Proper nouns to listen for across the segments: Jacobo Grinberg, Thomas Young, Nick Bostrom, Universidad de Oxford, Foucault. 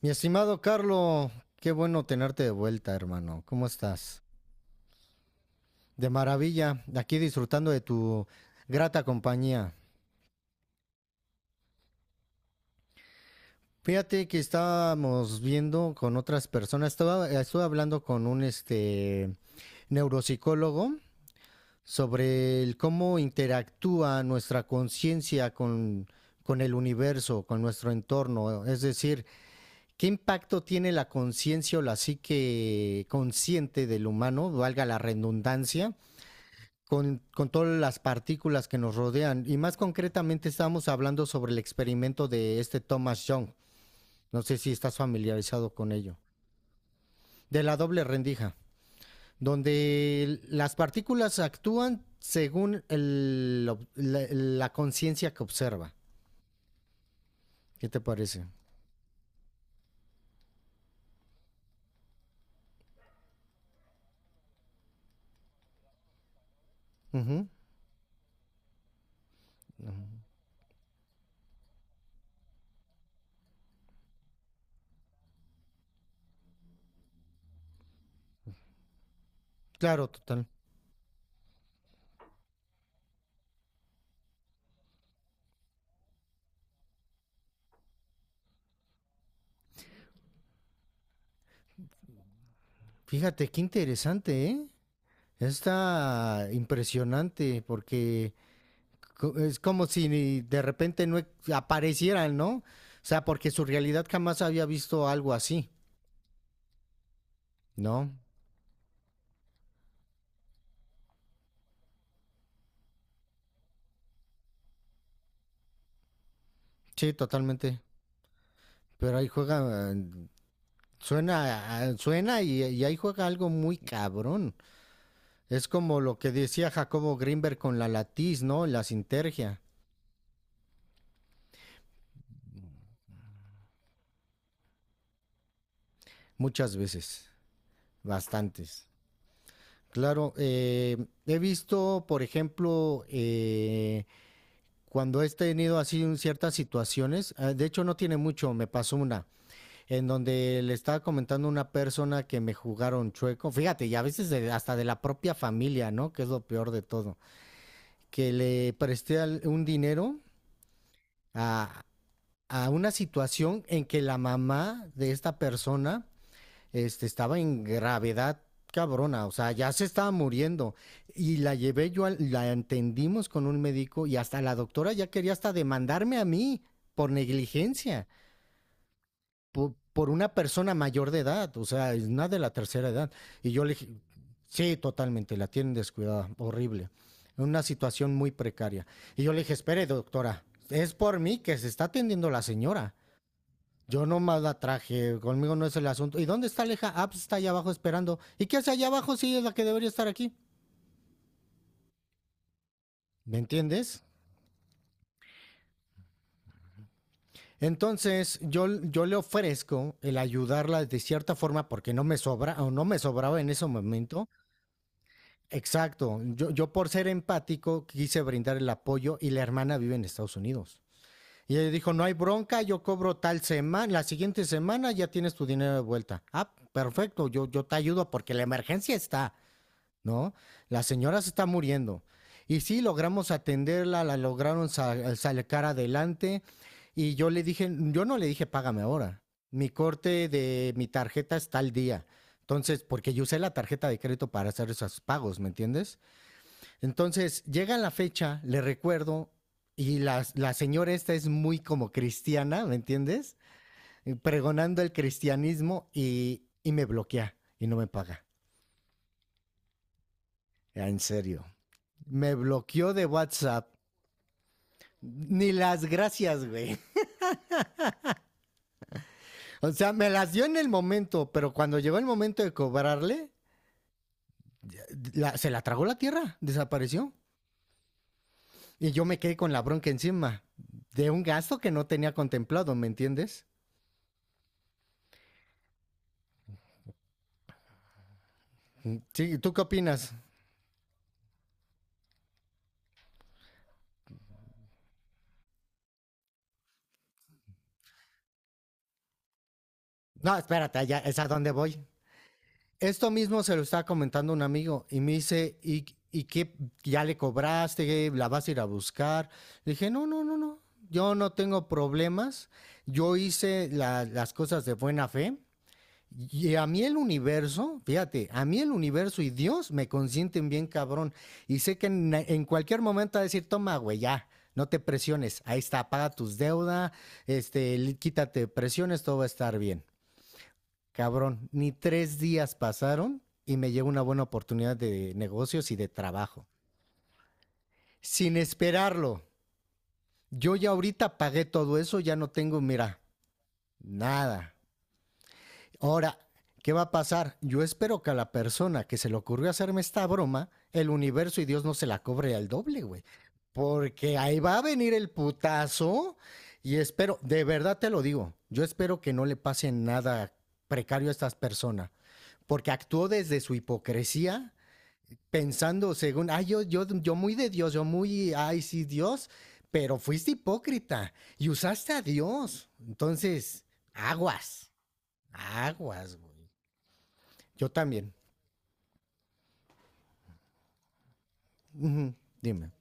Mi estimado Carlo, qué bueno tenerte de vuelta, hermano. ¿Cómo estás? De maravilla, aquí disfrutando de tu grata compañía. Fíjate que estábamos viendo con otras personas, estuve hablando con un neuropsicólogo sobre el cómo interactúa nuestra conciencia con el universo, con nuestro entorno. Es decir, ¿qué impacto tiene la conciencia o la psique consciente del humano, valga la redundancia, con todas las partículas que nos rodean? Y más concretamente estamos hablando sobre el experimento de este Thomas Young. No sé si estás familiarizado con ello. De la doble rendija, donde las partículas actúan según la conciencia que observa. ¿Qué te parece? Ujú. Claro, total. Fíjate, qué interesante, ¿eh? Está impresionante porque es como si de repente aparecieran, ¿no? O sea, porque su realidad jamás había visto algo así, ¿no? Sí, totalmente. Pero ahí juega, suena, suena y ahí juega algo muy cabrón. Es como lo que decía Jacobo Grinberg con la latiz, ¿no? La sinergia. Muchas veces, bastantes. Claro, he visto, por ejemplo, cuando he tenido así ciertas situaciones, de hecho no tiene mucho, me pasó una, en donde le estaba comentando a una persona que me jugaron chueco. Fíjate, y a veces hasta de la propia familia, ¿no? Que es lo peor de todo. Que le presté un dinero a, a una situación en que la mamá de esta persona estaba en gravedad cabrona, o sea, ya se estaba muriendo. Y la llevé yo, la entendimos con un médico y hasta la doctora ya quería hasta demandarme a mí por negligencia. Por por, una persona mayor de edad, o sea, es nada de la tercera edad. Y yo le dije, sí, totalmente, la tienen descuidada, horrible, en una situación muy precaria. Y yo le dije, espere, doctora, es por mí que se está atendiendo la señora. Yo nomás la traje, conmigo no es el asunto. ¿Y dónde está Aleja? Ah, pues está allá abajo esperando. ¿Y qué hace allá abajo si es la que debería estar aquí? ¿Me entiendes? Entonces, yo le ofrezco el ayudarla de cierta forma porque no me sobra o no me sobraba en ese momento. Exacto. Yo por ser empático quise brindar el apoyo y la hermana vive en Estados Unidos. Y ella dijo, no hay bronca, yo cobro tal semana, la siguiente semana ya tienes tu dinero de vuelta. Ah, perfecto, yo te ayudo porque la emergencia está, ¿no? La señora se está muriendo. Y sí, logramos atenderla, la lograron sacar adelante. Y yo le dije, yo no le dije, págame ahora. Mi corte de mi tarjeta está al día. Entonces, porque yo usé la tarjeta de crédito para hacer esos pagos, ¿me entiendes? Entonces, llega la fecha, le recuerdo, y la señora esta es muy como cristiana, ¿me entiendes? Pregonando el cristianismo y me bloquea y no me paga. Ah, en serio. Me bloqueó de WhatsApp. Ni las gracias, güey. O sea, me las dio en el momento, pero cuando llegó el momento de cobrarle, se la tragó la tierra, desapareció. Y yo me quedé con la bronca encima de un gasto que no tenía contemplado, ¿me entiendes? Sí, ¿tú qué opinas? No, espérate, ya es a dónde voy. Esto mismo se lo estaba comentando un amigo y me dice, ¿y qué? ¿Ya le cobraste? ¿La vas a ir a buscar? Le dije, no, no, no, no. Yo no tengo problemas. Yo hice las cosas de buena fe. Y a mí el universo, fíjate, a mí el universo y Dios me consienten bien cabrón. Y sé que en cualquier momento va a decir, toma, güey, ya, no te presiones. Ahí está, paga tus deudas, quítate presiones, todo va a estar bien. Cabrón, ni tres días pasaron y me llegó una buena oportunidad de negocios y de trabajo. Sin esperarlo. Yo ya ahorita pagué todo eso, ya no tengo, mira, nada. Ahora, ¿qué va a pasar? Yo espero que a la persona que se le ocurrió hacerme esta broma, el universo y Dios no se la cobre al doble, güey. Porque ahí va a venir el putazo y espero, de verdad te lo digo, yo espero que no le pase nada precario a estas personas. Porque actuó desde su hipocresía, pensando según, ay, yo muy de Dios, yo muy, ay, sí, Dios, pero fuiste hipócrita y usaste a Dios. Entonces, aguas, aguas, güey. Yo también. Ujú. Dime,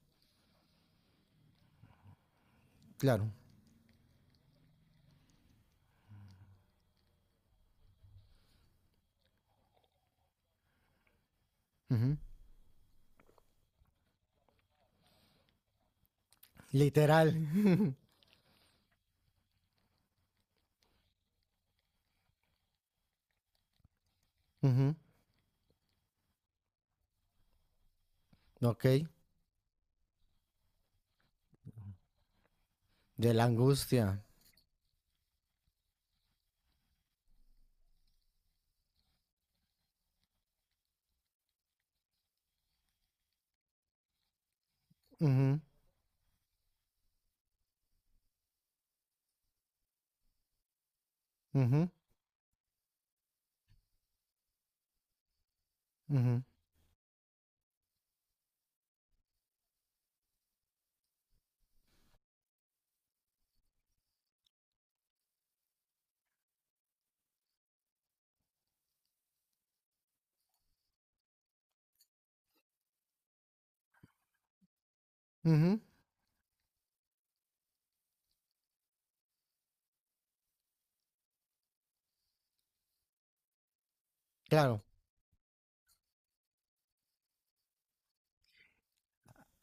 claro. Ujú. Literal. Ujú. Ok, de la angustia. Ujú, ujú, ujú, ujú. Claro.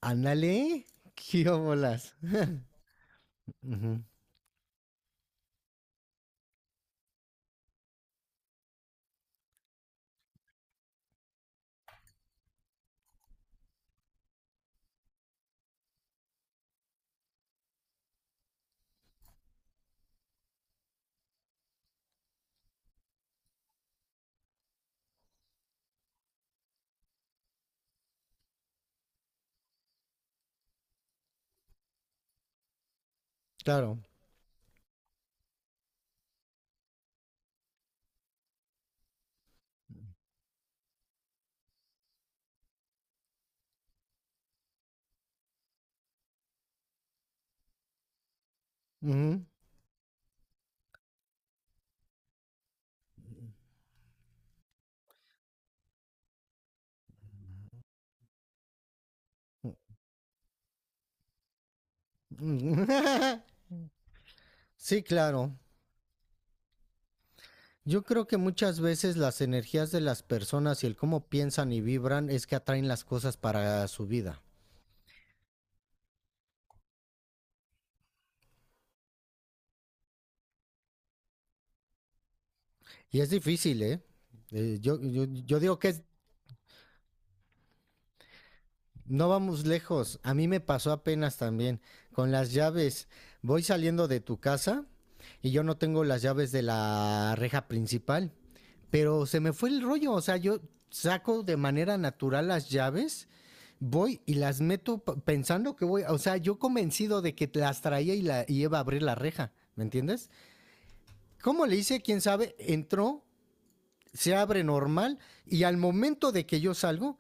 Ándale, qué bolas. Ujú. Claro. Ujú, ujú. Sí, claro. Yo creo que muchas veces las energías de las personas y el cómo piensan y vibran es que atraen las cosas para su vida. Y es difícil, ¿eh? Yo digo que es. No vamos lejos. A mí me pasó apenas también con las llaves. Voy saliendo de tu casa y yo no tengo las llaves de la reja principal, pero se me fue el rollo. O sea, yo saco de manera natural las llaves, voy y las meto pensando que voy. O sea, yo convencido de que las traía y y iba a abrir la reja. ¿Me entiendes? ¿Cómo le hice? ¿Quién sabe? Entró, se abre normal y al momento de que yo salgo,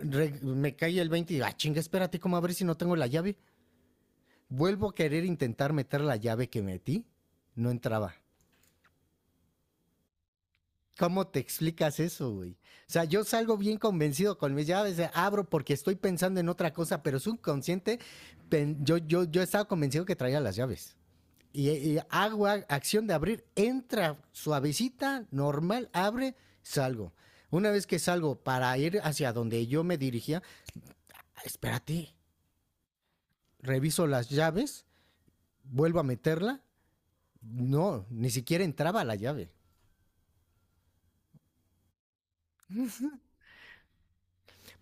me cae el 20 y digo, ah, chinga, espérate, ¿cómo abrir si no tengo la llave? Vuelvo a querer intentar meter la llave que metí, no entraba. ¿Cómo te explicas eso, güey? O sea, yo salgo bien convencido con mis llaves, abro porque estoy pensando en otra cosa, pero subconsciente, yo estaba convencido que traía las llaves. Y hago acción de abrir, entra suavecita, normal, abre, salgo. Una vez que salgo para ir hacia donde yo me dirigía, "Ah, espérate, reviso las llaves, vuelvo a meterla. No, ni siquiera entraba la llave."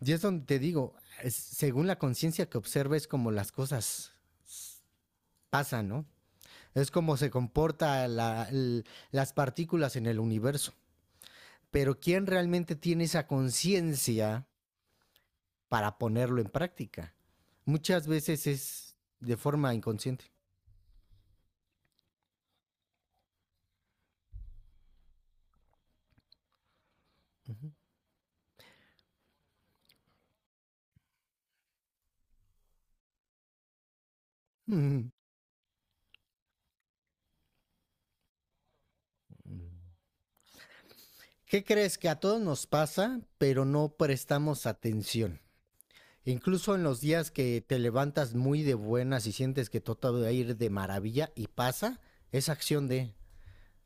Y es donde te digo, según la conciencia que observes, como las cosas pasan, ¿no? Es como se comporta las partículas en el universo. Pero ¿quién realmente tiene esa conciencia para ponerlo en práctica? Muchas veces es de forma inconsciente. ¿Qué crees que a todos nos pasa, pero no prestamos atención? Incluso en los días que te levantas muy de buenas y sientes que todo va a ir de maravilla y pasa, es acción de...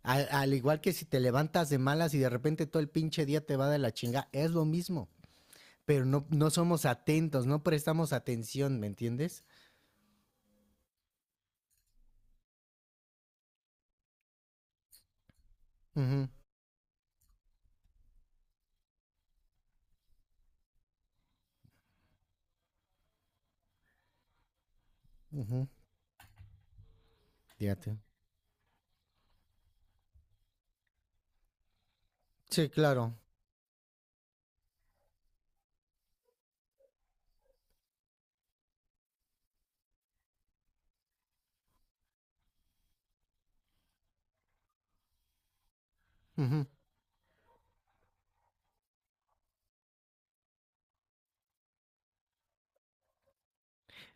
Al, al igual que si te levantas de malas y de repente todo el pinche día te va de la chinga, es lo mismo. Pero no, no somos atentos, no prestamos atención, ¿me entiendes? Ujú, ujú, fíjate. Sí, claro. Ujú.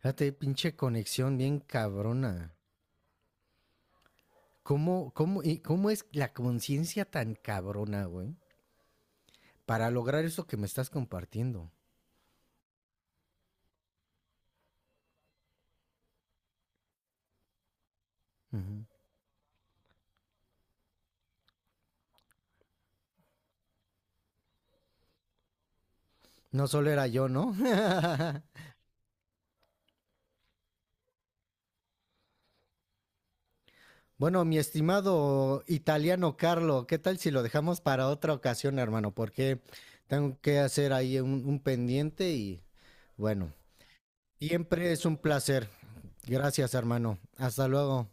Fíjate, pinche conexión bien cabrona. ¿Y cómo es la conciencia tan cabrona, güey? Para lograr eso que me estás compartiendo. Ujú. No solo era yo, ¿no? Bueno, mi estimado italiano Carlo, ¿qué tal si lo dejamos para otra ocasión, hermano? Porque tengo que hacer ahí un pendiente y bueno, siempre es un placer. Gracias, hermano. Hasta luego.